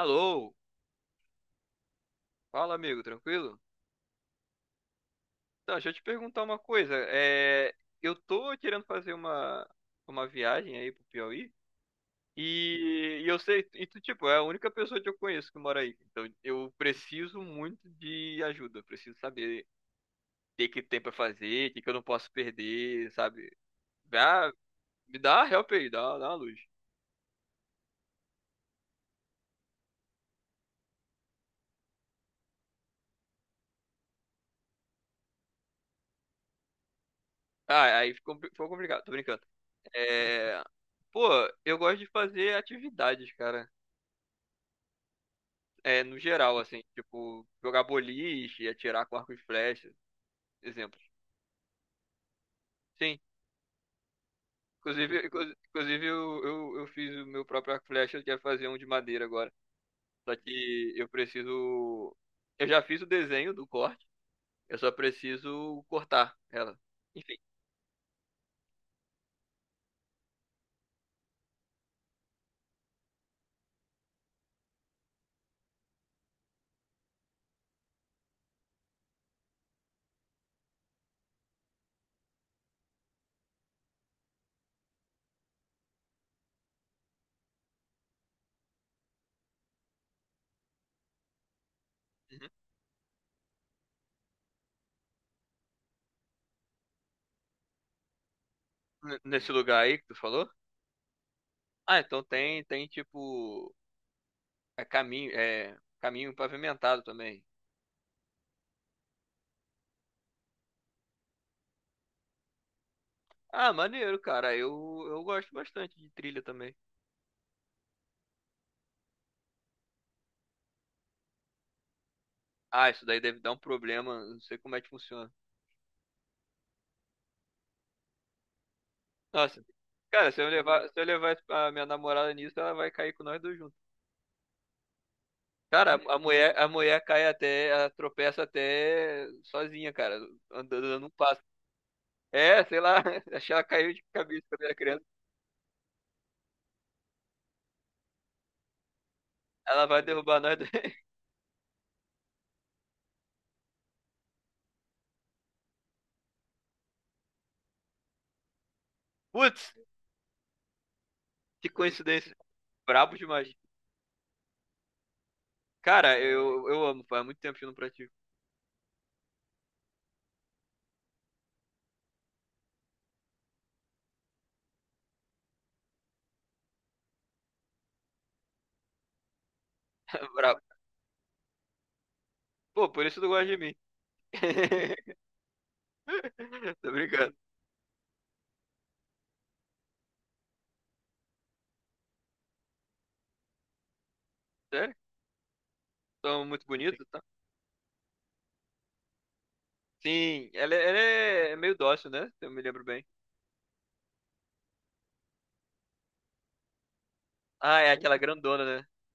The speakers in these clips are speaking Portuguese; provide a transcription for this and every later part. Alô, fala amigo, tranquilo? Então, deixa eu te perguntar uma coisa. É, eu tô querendo fazer uma viagem aí pro Piauí e, e tu, tipo, é a única pessoa que eu conheço que mora aí. Então, eu preciso muito de ajuda, preciso saber o que que tem pra fazer, o que que eu não posso perder, sabe? Dá, me dá uma help aí, dá uma luz. Ah, aí ficou complicado, tô brincando. É, pô, eu gosto de fazer atividades, cara. É, no geral, assim, tipo, jogar boliche, atirar com arco e flecha, exemplo. Sim, inclusive eu fiz o meu próprio arco e flecha, eu quero fazer um de madeira agora. Só que eu preciso. Eu já fiz o desenho do corte, eu só preciso cortar ela. Enfim, uhum. Nesse lugar aí que tu falou? Ah, então tem, tem tipo, é caminho pavimentado também. Ah, maneiro, cara, eu gosto bastante de trilha também. Ah, isso daí deve dar um problema. Não sei como é que funciona. Nossa, cara, se eu levar a minha namorada nisso, ela vai cair com nós dois juntos. Cara, a mulher cai até, ela tropeça até sozinha, cara, andando dando um passo. É, sei lá, acho que ela caiu de cabeça quando era criança. Ela vai derrubar nós dois. Putz, que coincidência. Brabo demais. Cara, eu amo, faz muito tempo que eu não pratico. Brabo. Pô, por isso tu gosta de mim. Tô brincando. Sério? São muito bonito? Sim, ela é meio dócil, né? Se eu me lembro bem. Ah, é aquela grandona, né?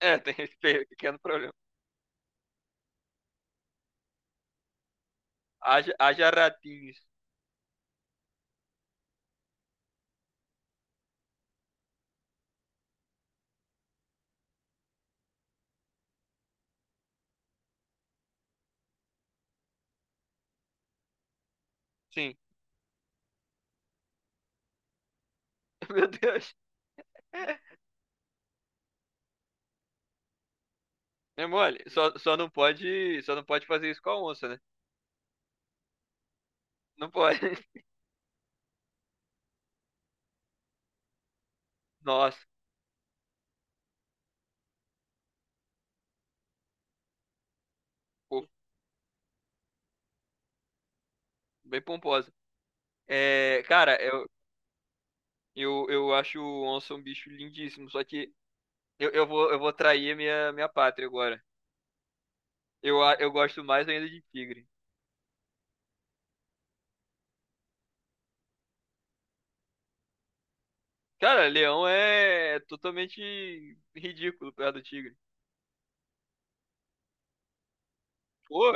É, tem esse pequeno problema. Haja, haja ratinhos. Sim. Meu Deus. É mole. Só não pode fazer isso com a onça, né? Não pode. Nossa, pô, bem pomposa. É, cara, eu acho o onça um bicho lindíssimo, só que eu vou trair a minha pátria agora. Eu gosto mais ainda de tigre. Cara, leão é totalmente ridículo perto do tigre. Pô,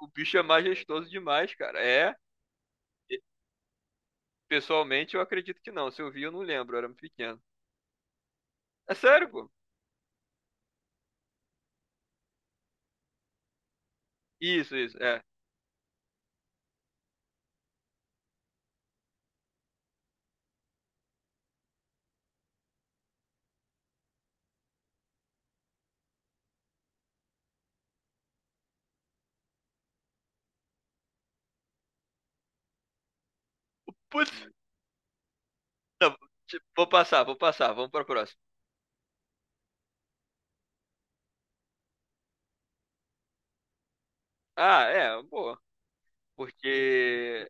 o bicho é majestoso demais, cara. É. Pessoalmente, eu acredito que não. Se eu vi, eu não lembro. Eu era muito pequeno. É sério, pô? Isso, isso. É. Putz. Não, vou passar. Vamos para a próxima. Ah, é. Boa. Porque.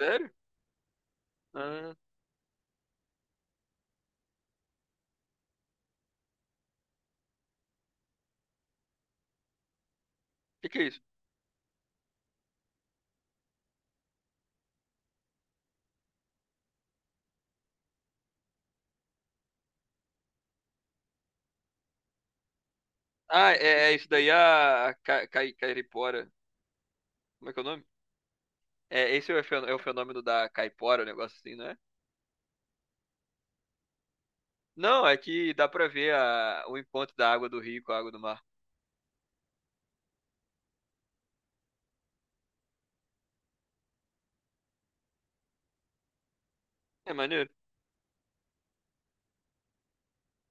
Sério? Ah, que é isso? Ah, é, é isso daí a caipora. Como é que é o nome? É, esse é o é o fenômeno da caipora, um negócio assim, não é? Não, é que dá pra ver o encontro da água do rio com a água do mar. É maneiro.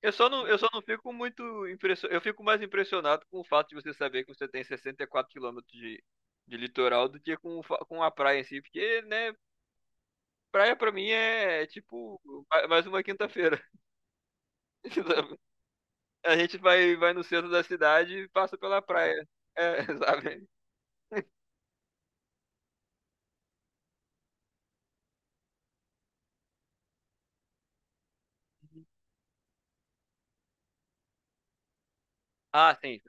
Eu só não fico muito impressionado. Eu fico mais impressionado com o fato de você saber que você tem 64 quilômetros de litoral do que com, o com a praia em si, porque, né, praia pra mim é tipo mais uma quinta-feira. Sabe? A gente vai, vai no centro da cidade e passa pela praia. É, sabe? Ah, sim.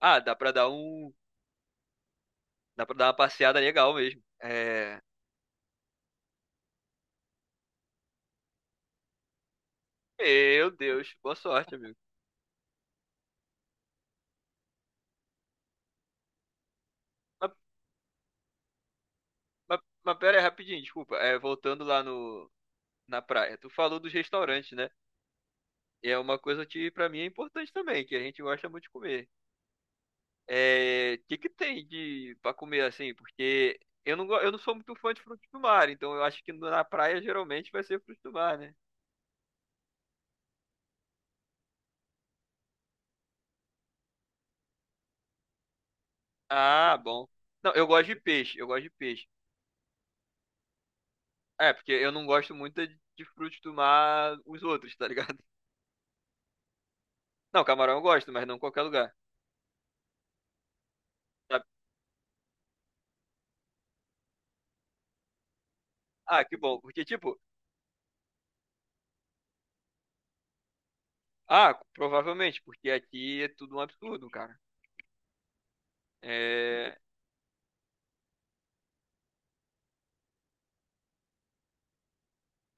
Ah, dá pra dar um. Dá pra dar uma passeada legal mesmo. É. Meu Deus, boa sorte, amigo. Mas, mas pera aí, rapidinho, desculpa. É, voltando lá no, na praia. Tu falou dos restaurantes, né? E é uma coisa que pra mim é importante também, que a gente gosta muito de comer. É, o que que tem de para comer assim? Porque eu não sou muito fã de frutos do mar, então eu acho que na praia geralmente vai ser frutos do mar, né? Ah, bom. Não, eu gosto de peixe, eu gosto de peixe. É, porque eu não gosto muito de frutos do mar os outros, tá ligado? Não, camarão eu gosto, mas não em qualquer lugar. Sabe? Ah, que bom, porque tipo, ah, provavelmente, porque aqui é tudo um absurdo, cara. É,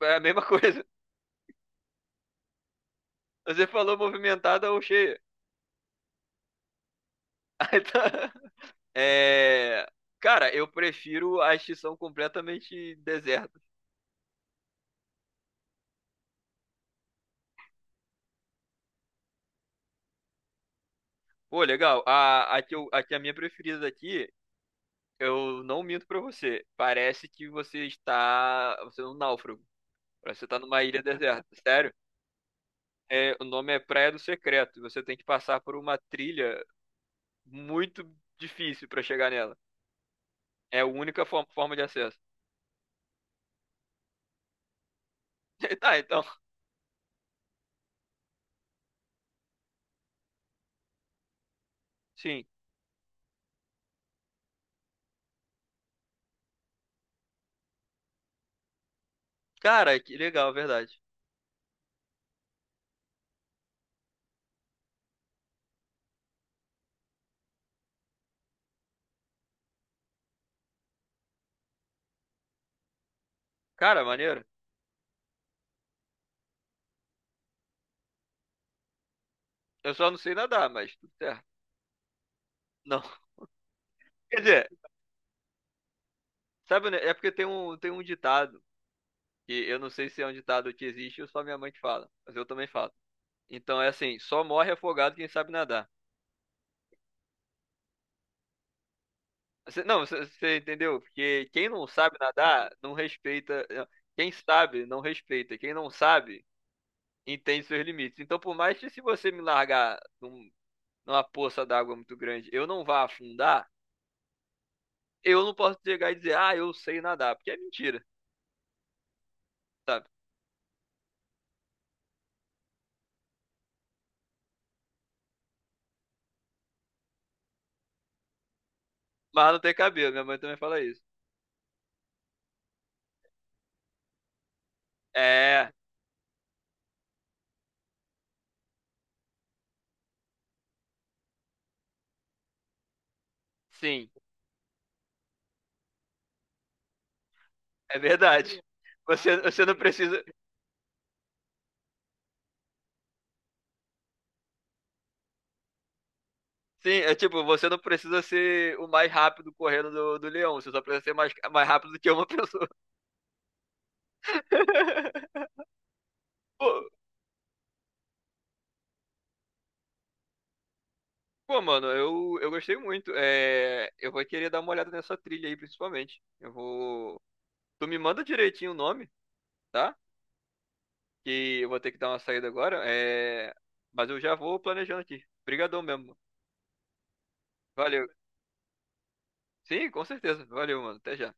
é a mesma coisa. Você falou movimentada ou cheia. Aí tá. É... Cara, eu prefiro a extinção completamente deserta. Pô, legal. A que é a minha preferida aqui, eu não minto pra você. Parece que você está. Você é um náufrago. Parece que você tá numa ilha deserta. Sério? É, o nome é Praia do Secreto. E você tem que passar por uma trilha muito difícil pra chegar nela. É a única forma de acesso. Tá, então. Sim. Cara, que legal, verdade. Cara, maneiro. Eu só não sei nadar, mas tudo certo. Não. Quer dizer, sabe, né? É porque tem um ditado, que eu não sei se é um ditado que existe ou só minha mãe que fala, mas eu também falo. Então é assim, só morre afogado quem sabe nadar. Não, você entendeu? Porque quem não sabe nadar, não respeita. Quem sabe, não respeita. Quem não sabe, entende seus limites. Então, por mais que se você me largar numa poça d'água muito grande, eu não vá afundar, eu não posso chegar e dizer, ah, eu sei nadar, porque é mentira. Sabe? Mas não tem cabelo, minha mãe também fala isso. É, sim, é verdade. Você não precisa. Sim, é tipo, você não precisa ser o mais rápido correndo do leão, você só precisa ser mais rápido do que uma pessoa. Pô, pô, mano, eu gostei muito. É, eu vou querer dar uma olhada nessa trilha aí, principalmente. Eu vou. Tu me manda direitinho o nome, tá? Que eu vou ter que dar uma saída agora. É, mas eu já vou planejando aqui. Obrigadão mesmo. Valeu. Sim, com certeza. Valeu, mano. Até já.